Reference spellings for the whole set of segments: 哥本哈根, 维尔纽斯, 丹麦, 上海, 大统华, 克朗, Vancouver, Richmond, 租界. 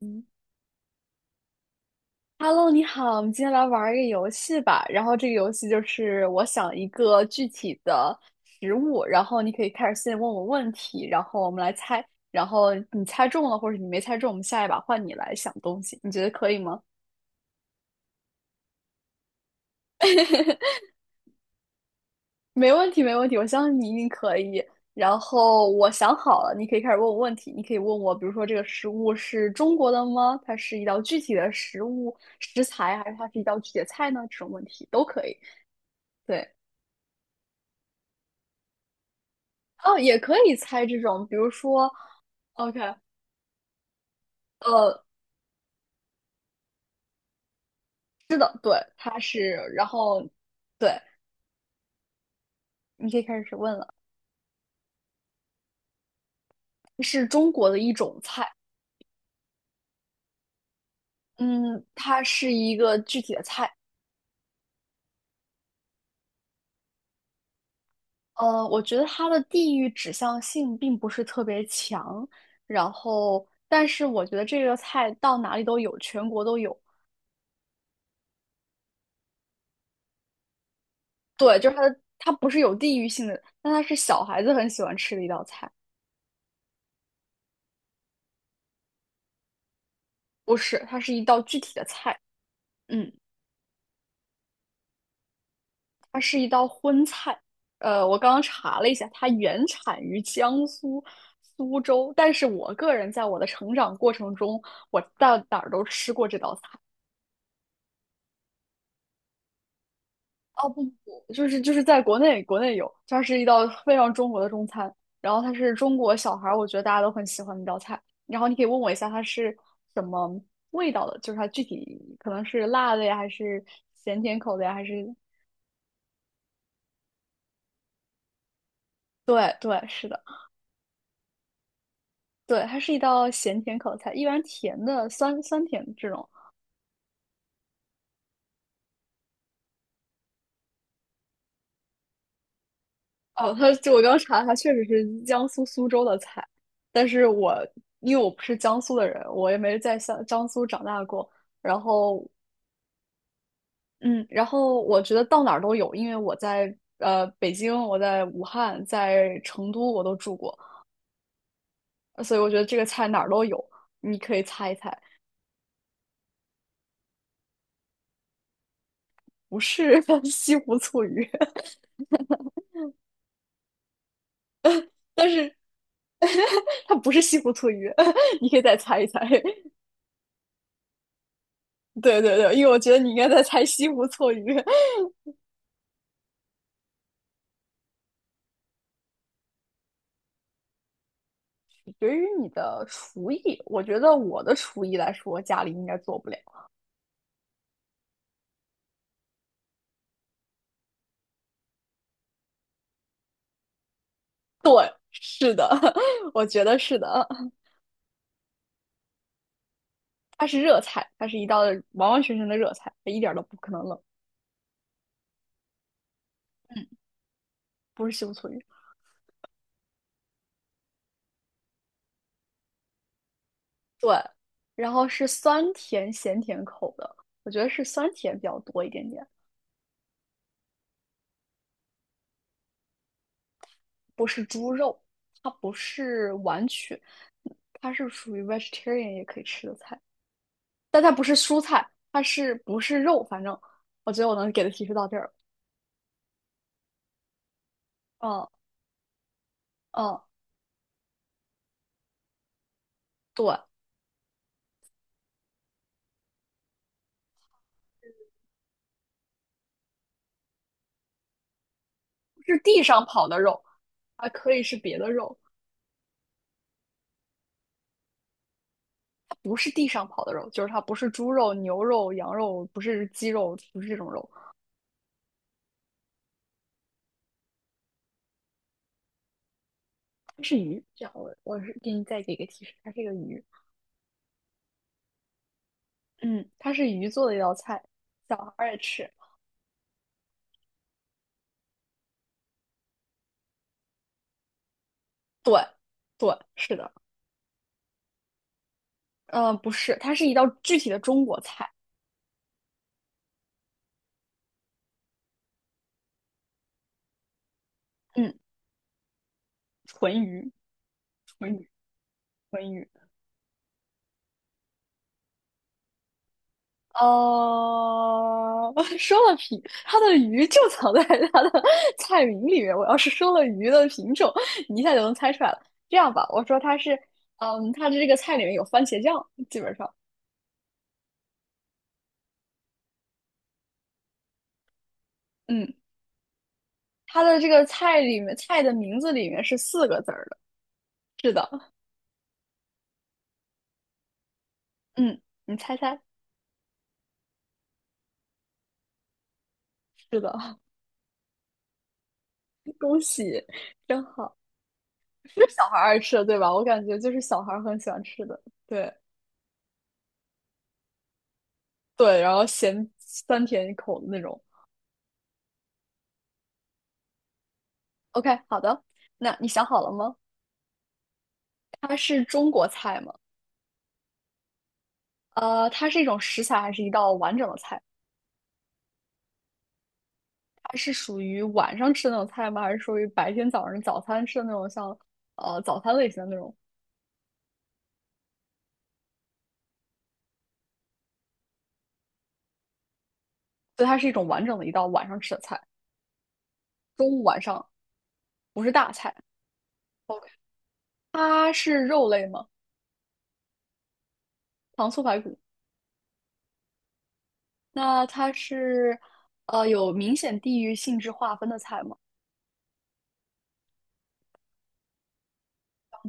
嗯，Hello，你好，我们今天来玩儿一个游戏吧。然后这个游戏就是我想一个具体的食物，然后你可以开始先问我问题，然后我们来猜。然后你猜中了或者你没猜中，我们下一把换你来想东西，你觉得可以吗？没问题，没问题，我相信你一定可以。然后我想好了，你可以开始问我问题。你可以问我，比如说这个食物是中国的吗？它是一道具体的食物食材，还是它是一道具体的菜呢？这种问题都可以。对。哦，也可以猜这种，比如说，OK，呃，是的，对，它是，然后，对，你可以开始问了，是中国的一种菜，嗯，它是一个具体的菜，我觉得它的地域指向性并不是特别强，然后，但是我觉得这个菜到哪里都有，全国都有，对，就是它的，它不是有地域性的，但它是小孩子很喜欢吃的一道菜，不是，它是一道具体的菜，嗯。它是一道荤菜。我刚刚查了一下，它原产于江苏苏州，但是我个人在我的成长过程中，我到哪儿都吃过这道菜。哦，不，就是在国内，国内有，它是一道非常中国的中餐，然后它是中国小孩儿，我觉得大家都很喜欢的一道菜。然后你可以问我一下它是什么味道的，就是它具体可能是辣的呀，还是咸甜口的呀，还是对对是的。对，它是一道咸甜口菜，一般甜的酸酸甜这种。哦，它就我刚查，了，它确实是江苏苏州的菜，但是因为我不是江苏的人，我也没在江苏长大过。然后，嗯，然后我觉得到哪儿都有，因为我在北京，我在武汉，在成都我都住过，所以我觉得这个菜哪儿都有，你可以猜一猜，不是 西湖醋鱼，但是它不是西湖醋鱼，你可以再猜一猜。对对对，因为我觉得你应该在猜西湖醋鱼。对于你的厨艺，我觉得我的厨艺来说，家里应该做不了。是的，我觉得是的。它是热菜，它是一道完完全全的热菜，它一点儿都不可能冷，不是西湖醋鱼。对，然后是酸甜咸甜口的，我觉得是酸甜比较多一点点，不是猪肉，它不是完全，它是属于 vegetarian 也可以吃的菜。但它不是蔬菜，它是不是肉？反正我觉得我能给的提示到这儿。嗯嗯，对，是地上跑的肉，还可以是别的肉，它不是地上跑的肉，就是它不是猪肉、牛肉、羊肉，不是鸡肉，不是这种肉，它是鱼。这样我是给你再给一个提示，它是一个鱼。嗯，它是鱼做的一道菜，小孩儿也吃。对对，是的。嗯，不是，它是一道具体的中国菜。嗯，纯鱼，纯鱼，纯鱼。哦，说了品，它的鱼就藏在它的 菜名里面。我要是说了鱼的品种，你一下就能猜出来了。这样吧，我说它是，嗯，它的这个菜里面有番茄酱，基本上，嗯，它的这个菜里面菜的名字里面是四个字儿的。是的，嗯，你猜猜，是的，恭喜，真好，是小孩儿爱吃的，对吧？我感觉就是小孩儿很喜欢吃的，对对，然后咸酸甜口的那种。OK，好的，那你想好了吗？它是中国菜吗？呃，它是一种食材还是一道完整的菜？它是属于晚上吃的那种菜吗？还是属于白天早上早餐吃的那种像，早餐类型的那种？所以它是一种完整的一道晚上吃的菜，中午晚上不是大菜。OK，它是肉类吗？糖醋排骨。那它是有明显地域性质划分的菜吗？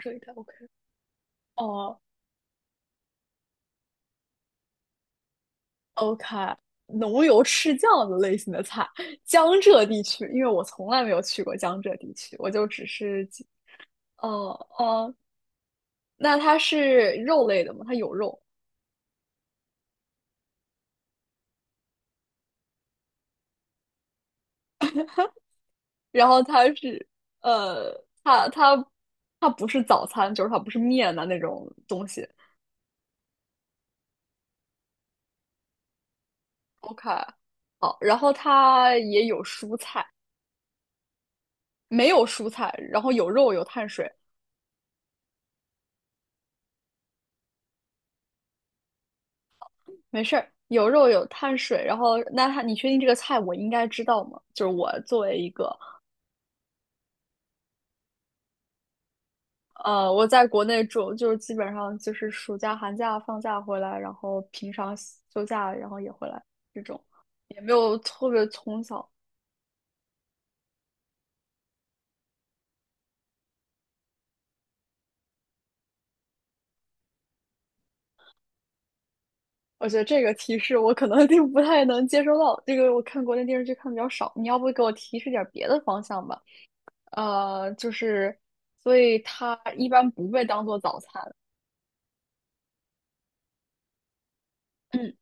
这一类 OK。哦、OK，浓油赤酱的类型的菜，江浙地区，因为我从来没有去过江浙地区，我就只是几哦哦，那它是肉类的吗？它有肉，然后它是，呃，它它它不是早餐，就是它不是面的那种东西。OK，好，然后它也有蔬菜，没有蔬菜，然后有肉有碳水，没事儿，有肉有碳水，然后那它你确定这个菜我应该知道吗？就是我作为一个我在国内住，就是基本上就是暑假、寒假放假回来，然后平常休假，然后也回来这种，也没有特别从小。我觉得这个提示我可能就不太能接收到，这个我看国内电视剧看的比较少。你要不给我提示点别的方向吧？呃，就是，所以它一般不被当做早餐。嗯，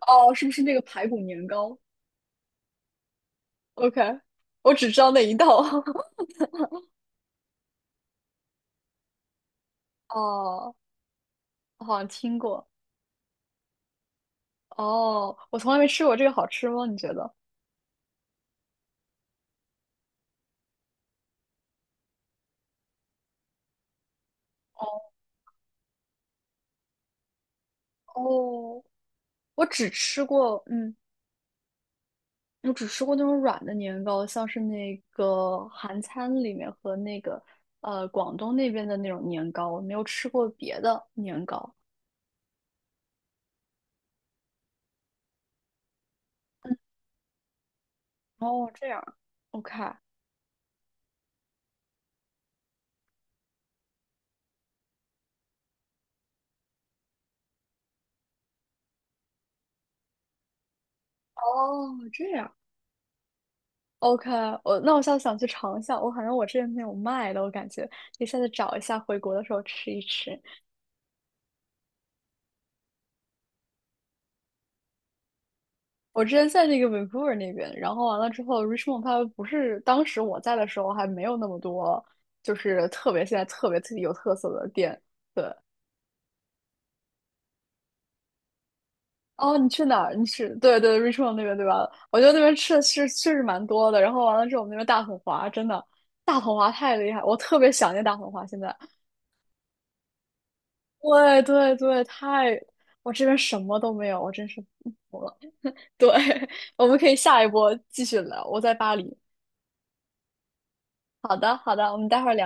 哦，是不是那个排骨年糕？OK，我只知道那一道。哦，我好像听过。哦，我从来没吃过这个，好吃吗？你觉得？哦，我只吃过，嗯，我只吃过那种软的年糕，像是那个韩餐里面和那个广东那边的那种年糕，我没有吃过别的年糕。哦，这样，OK，哦，这样，OK，我那我下次想去尝一下，我好像我这边没有卖的，我感觉可以下次找一下，回国的时候吃一吃。我之前在那个 Vancouver 那边，然后完了之后，Richmond 它不是当时我在的时候还没有那么多，就是特别现在特别特别有特色的店。对，哦，你去哪儿？你去对对 Richmond 那边对吧？我觉得那边吃的是确实蛮多的。然后完了之后，我们那边大统华真的大统华太厉害，我特别想念大统华。现在，对对对，太我这边什么都没有，我真是服了。对，我们可以下一波继续聊。我在巴黎。好的好的，我们待会儿聊。